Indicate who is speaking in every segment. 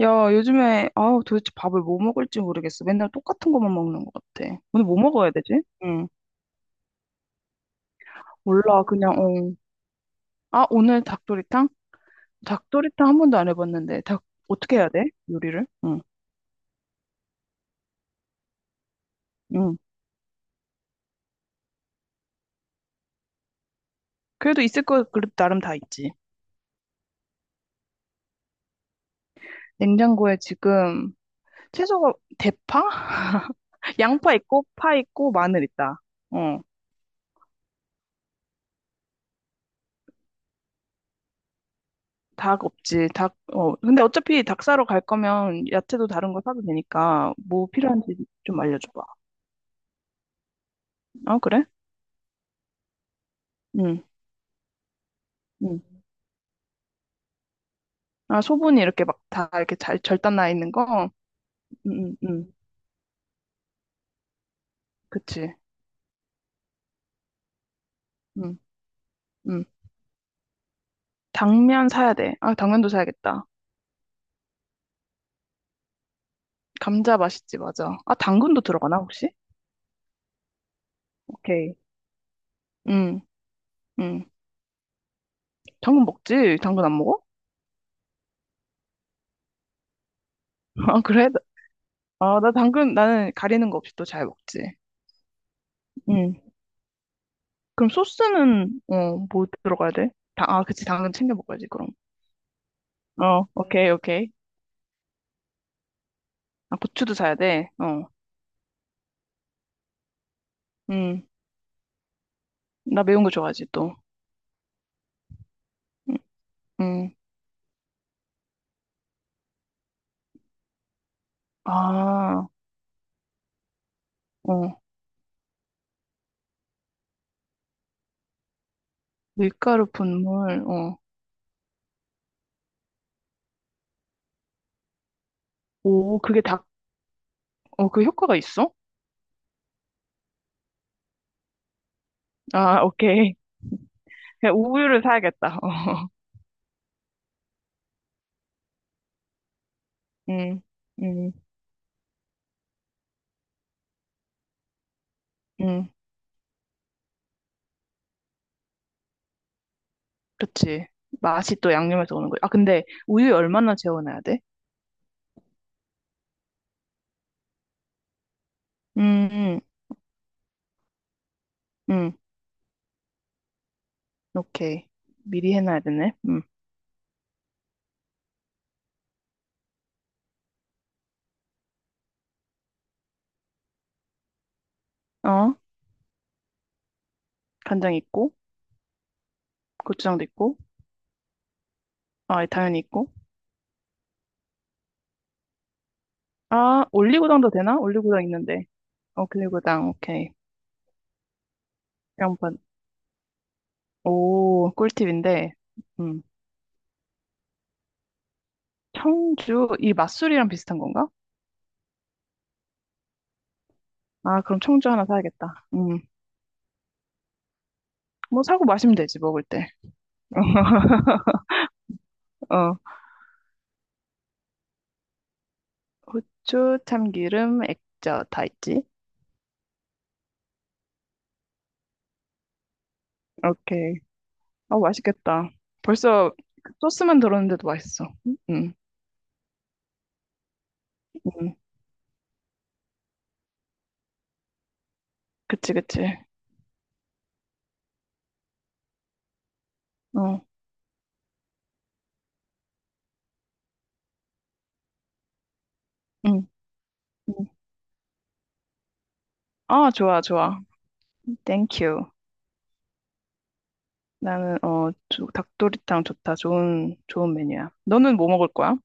Speaker 1: 야, 요즘에, 아, 도대체 밥을 뭐 먹을지 모르겠어. 맨날 똑같은 것만 먹는 것 같아. 오늘 뭐 먹어야 되지? 응. 몰라, 그냥, 어. 아, 오늘 닭도리탕? 닭도리탕 한 번도 안 해봤는데, 어떻게 해야 돼? 요리를? 응, 응. 그래도 나름 다 있지. 냉장고에 지금, 채소가, 대파? 양파 있고, 파 있고, 마늘 있다. 어, 닭 없지. 근데 어차피 닭 사러 갈 거면 야채도 다른 거 사도 되니까, 뭐 필요한지 좀 알려줘봐. 어, 그래? 응, 응. 아, 소분이 이렇게 막 다 이렇게 잘 절단 나 있는 거? 응, 응, 응. 그치. 응, 응. 당면 사야 돼. 아, 당면도 사야겠다. 감자 맛있지, 맞아. 아, 당근도 들어가나, 혹시? 오케이. 응, 응. 당근 먹지? 당근 안 먹어? 아, 그래? 아, 나는 가리는 거 없이 또 잘 먹지. 응. 그럼 소스는, 뭐 들어가야 돼? 그치. 당근 챙겨 먹어야지, 그럼. 어, 오케이, 오케이. 아, 고추도 사야 돼. 어, 응. 나 매운 거 좋아하지, 또. 응. 응. 아, 어, 밀가루 분말, 어. 오, 그 효과가 있어? 아, 오케이. 그냥 우유를 사야겠다. 어. 음, 음, 음. 그치. 맛이 또 양념에서 오는 거야. 아, 근데 우유 얼마나 재워놔야 돼? 음, 음, 음. 오케이. 미리 해놔야 되네. 음. 어, 간장 있고, 고추장도 있고, 아, 당연히 있고. 아, 올리고당도 되나? 올리고당 있는데. 어, 올리고당, 오케이. 양파. 오, 꿀팁인데. 음. 청주, 이 맛술이랑 비슷한 건가? 아, 그럼 청주 하나 사야겠다. 뭐 사고 마시면 되지, 먹을 때. 어, 후추, 참기름, 액젓 다 있지? 오케이. 아, 맛있겠다. 벌써 그 소스만 들었는데도 맛있어. 음. 그치, 그치. 어, 음, 음. 아, 좋아, 좋아. 땡큐. 나는, 닭도리탕 좋다. 좋은 메뉴야. 너는 뭐 먹을 거야?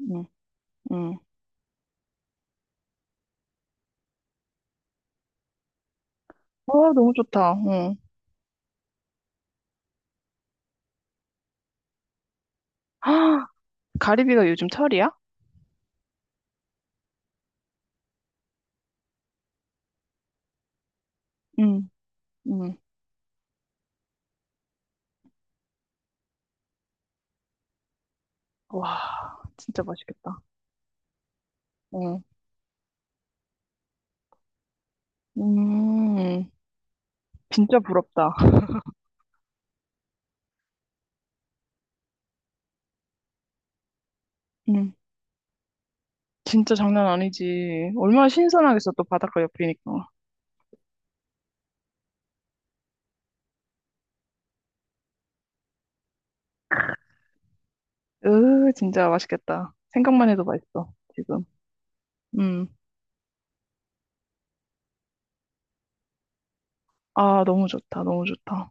Speaker 1: 응, 응. 와, 너무 좋다. 응. 아, 가리비가 요즘 철이야? 응. 음. 와, 진짜 맛있겠다. 어. 음, 진짜 부럽다. 음, 진짜 장난 아니지. 얼마나 신선하겠어, 또 바닷가 옆이니까. 으, 진짜 맛있겠다. 생각만 해도 맛있어, 지금. 음. 아, 너무 좋다, 너무 좋다.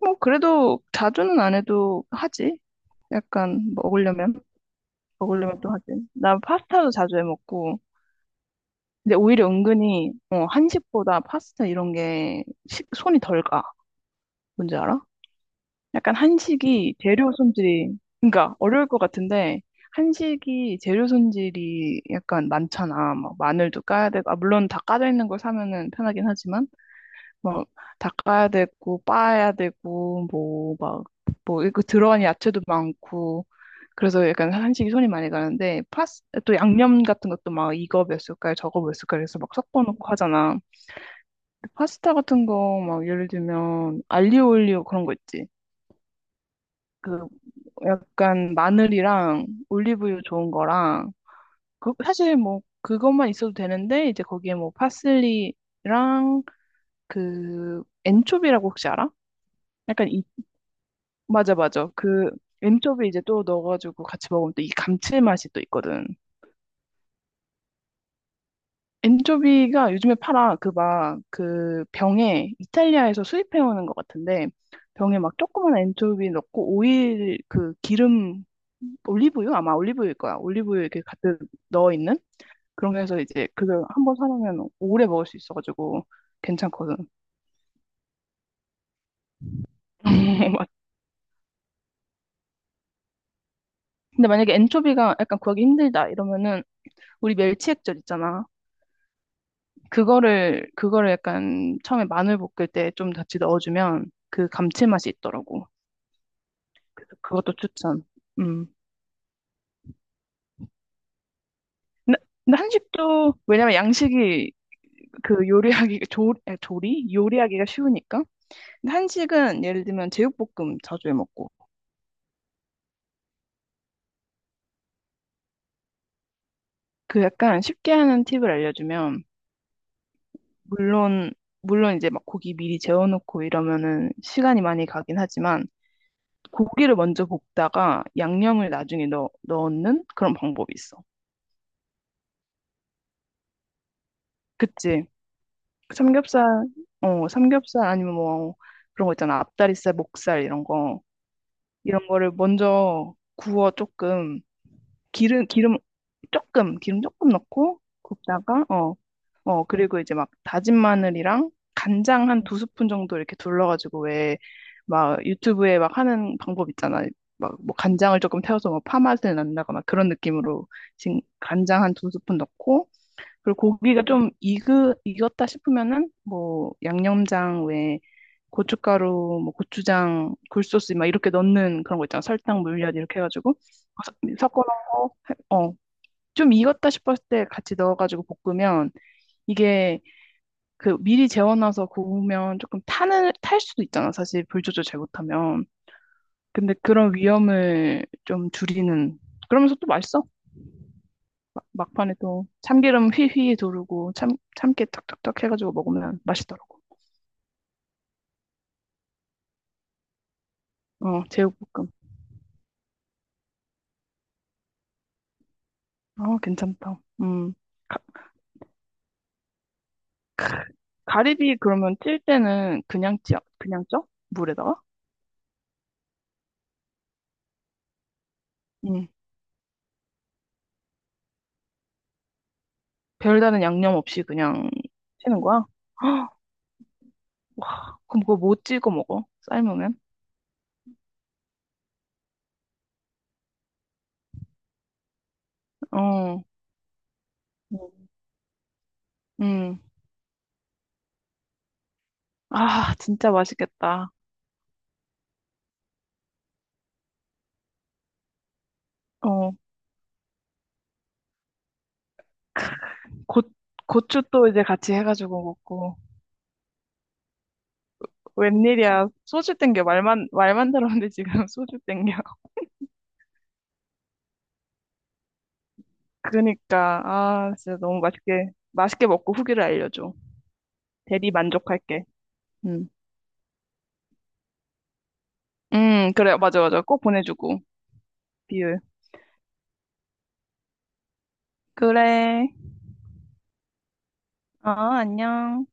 Speaker 1: 뭐, 그래도 자주는 안 해도 하지. 약간 먹으려면 또 하지. 나 파스타도 자주 해 먹고. 근데 오히려 은근히, 한식보다 파스타 이런 게 손이 덜 가. 뭔지 알아? 약간 한식이 재료 손질이, 그러니까 어려울 것 같은데, 한식이 재료 손질이 약간 많잖아. 막 마늘도 까야 되고, 아, 물론 다 까져 있는 걸 사면은 편하긴 하지만, 뭐다 까야 되고, 빻아야 되고, 뭐, 막, 뭐, 이거 들어간 야채도 많고, 그래서 약간 한식이 손이 많이 가는데, 또 양념 같은 것도 막 이거 몇 숟갈, 저거 몇 숟갈 해서 막 섞어 놓고 하잖아. 파스타 같은 거 막 예를 들면 알리오 올리오 그런 거 있지. 그 약간 마늘이랑 올리브유 좋은 거랑 그 사실 뭐 그것만 있어도 되는데 이제 거기에 뭐 파슬리랑 그 엔초비라고 혹시 알아? 약간 이 맞아 맞아. 그 엔초비 이제 또 넣어가지고 같이 먹으면 또 이 감칠맛이 또 있거든. 엔초비가 요즘에 팔아. 그 막 그 병에 이탈리아에서 수입해 오는 것 같은데, 병에 막 조그만 엔초비 넣고 오일, 그 기름, 올리브유, 아마 올리브유일 거야. 올리브유 이렇게 가득 넣어 있는 그런 게 해서 이제 그걸 한번 사놓으면 오래 먹을 수 있어가지고 괜찮거든. 맞- 근데 만약에 엔초비가 약간 구하기 힘들다 이러면은 우리 멸치액젓 있잖아. 그거를 약간 처음에 마늘 볶을 때 좀 같이 넣어주면 그 감칠맛이 있더라고. 그래서 그것도 추천. 음. 근데 근데 한식도, 왜냐면 양식이 그 요리하기 조, 에, 조리 요리하기가 쉬우니까. 근데 한식은 예를 들면 제육볶음 자주 해 먹고. 그 약간 쉽게 하는 팁을 알려주면, 물론, 물론 이제 막 고기 미리 재워놓고 이러면은 시간이 많이 가긴 하지만, 고기를 먼저 볶다가 양념을 나중에 넣는 그런 방법이 있어. 그치? 삼겹살, 삼겹살 아니면 뭐 그런 거 있잖아. 앞다리살, 목살 이런 거. 이런 거를 먼저 구워 조금. 기름, 기름 기름 조금 넣고 굽다가, 그리고 이제 막 다진 마늘이랑 간장 한 두 스푼 정도 이렇게 둘러가지고, 왜 막 유튜브에 막 하는 방법 있잖아. 막 뭐 간장을 조금 태워서 뭐 파맛을 낸다거나 그런 느낌으로 지금 간장 한 두 스푼 넣고, 그리고 고기가 좀 익었다 싶으면은 뭐 양념장 외에 고춧가루, 뭐 고추장, 굴소스 막 이렇게 넣는 그런 거 있잖아. 설탕, 물엿 이렇게 해가지고 섞어 놓은 거, 좀 익었다 싶었을 때 같이 넣어가지고 볶으면, 이게 그 미리 재워놔서 구우면 조금 탈 수도 있잖아. 사실 불 조절 잘 못하면. 근데 그런 위험을 좀 줄이는. 그러면서 또 맛있어. 막판에 또 참기름 휘휘 두르고 참깨 탁탁탁 해가지고 먹으면 맛있더라고. 어, 제육볶음. 어, 괜찮다. 음. 가리비 그러면 찔 때는 그냥 쪄? 물에다가? 응. 별다른 양념 없이 그냥 찌는 거야? 헉, 그럼 그거 뭐 찍어 먹어? 삶으면? 어. 응. 아, 진짜 맛있겠다. 어. 고, 고추 또 이제 같이 해가지고 먹고. 웬일이야. 소주 땡겨. 말만, 말만 들었는데 지금 소주 땡겨. 그러니까, 아, 진짜 너무 맛있게, 맛있게 먹고 후기를 알려줘. 대리 만족할게. 응. 그래. 맞아, 맞아. 꼭 보내주고. 비율. 그래. 어, 안녕.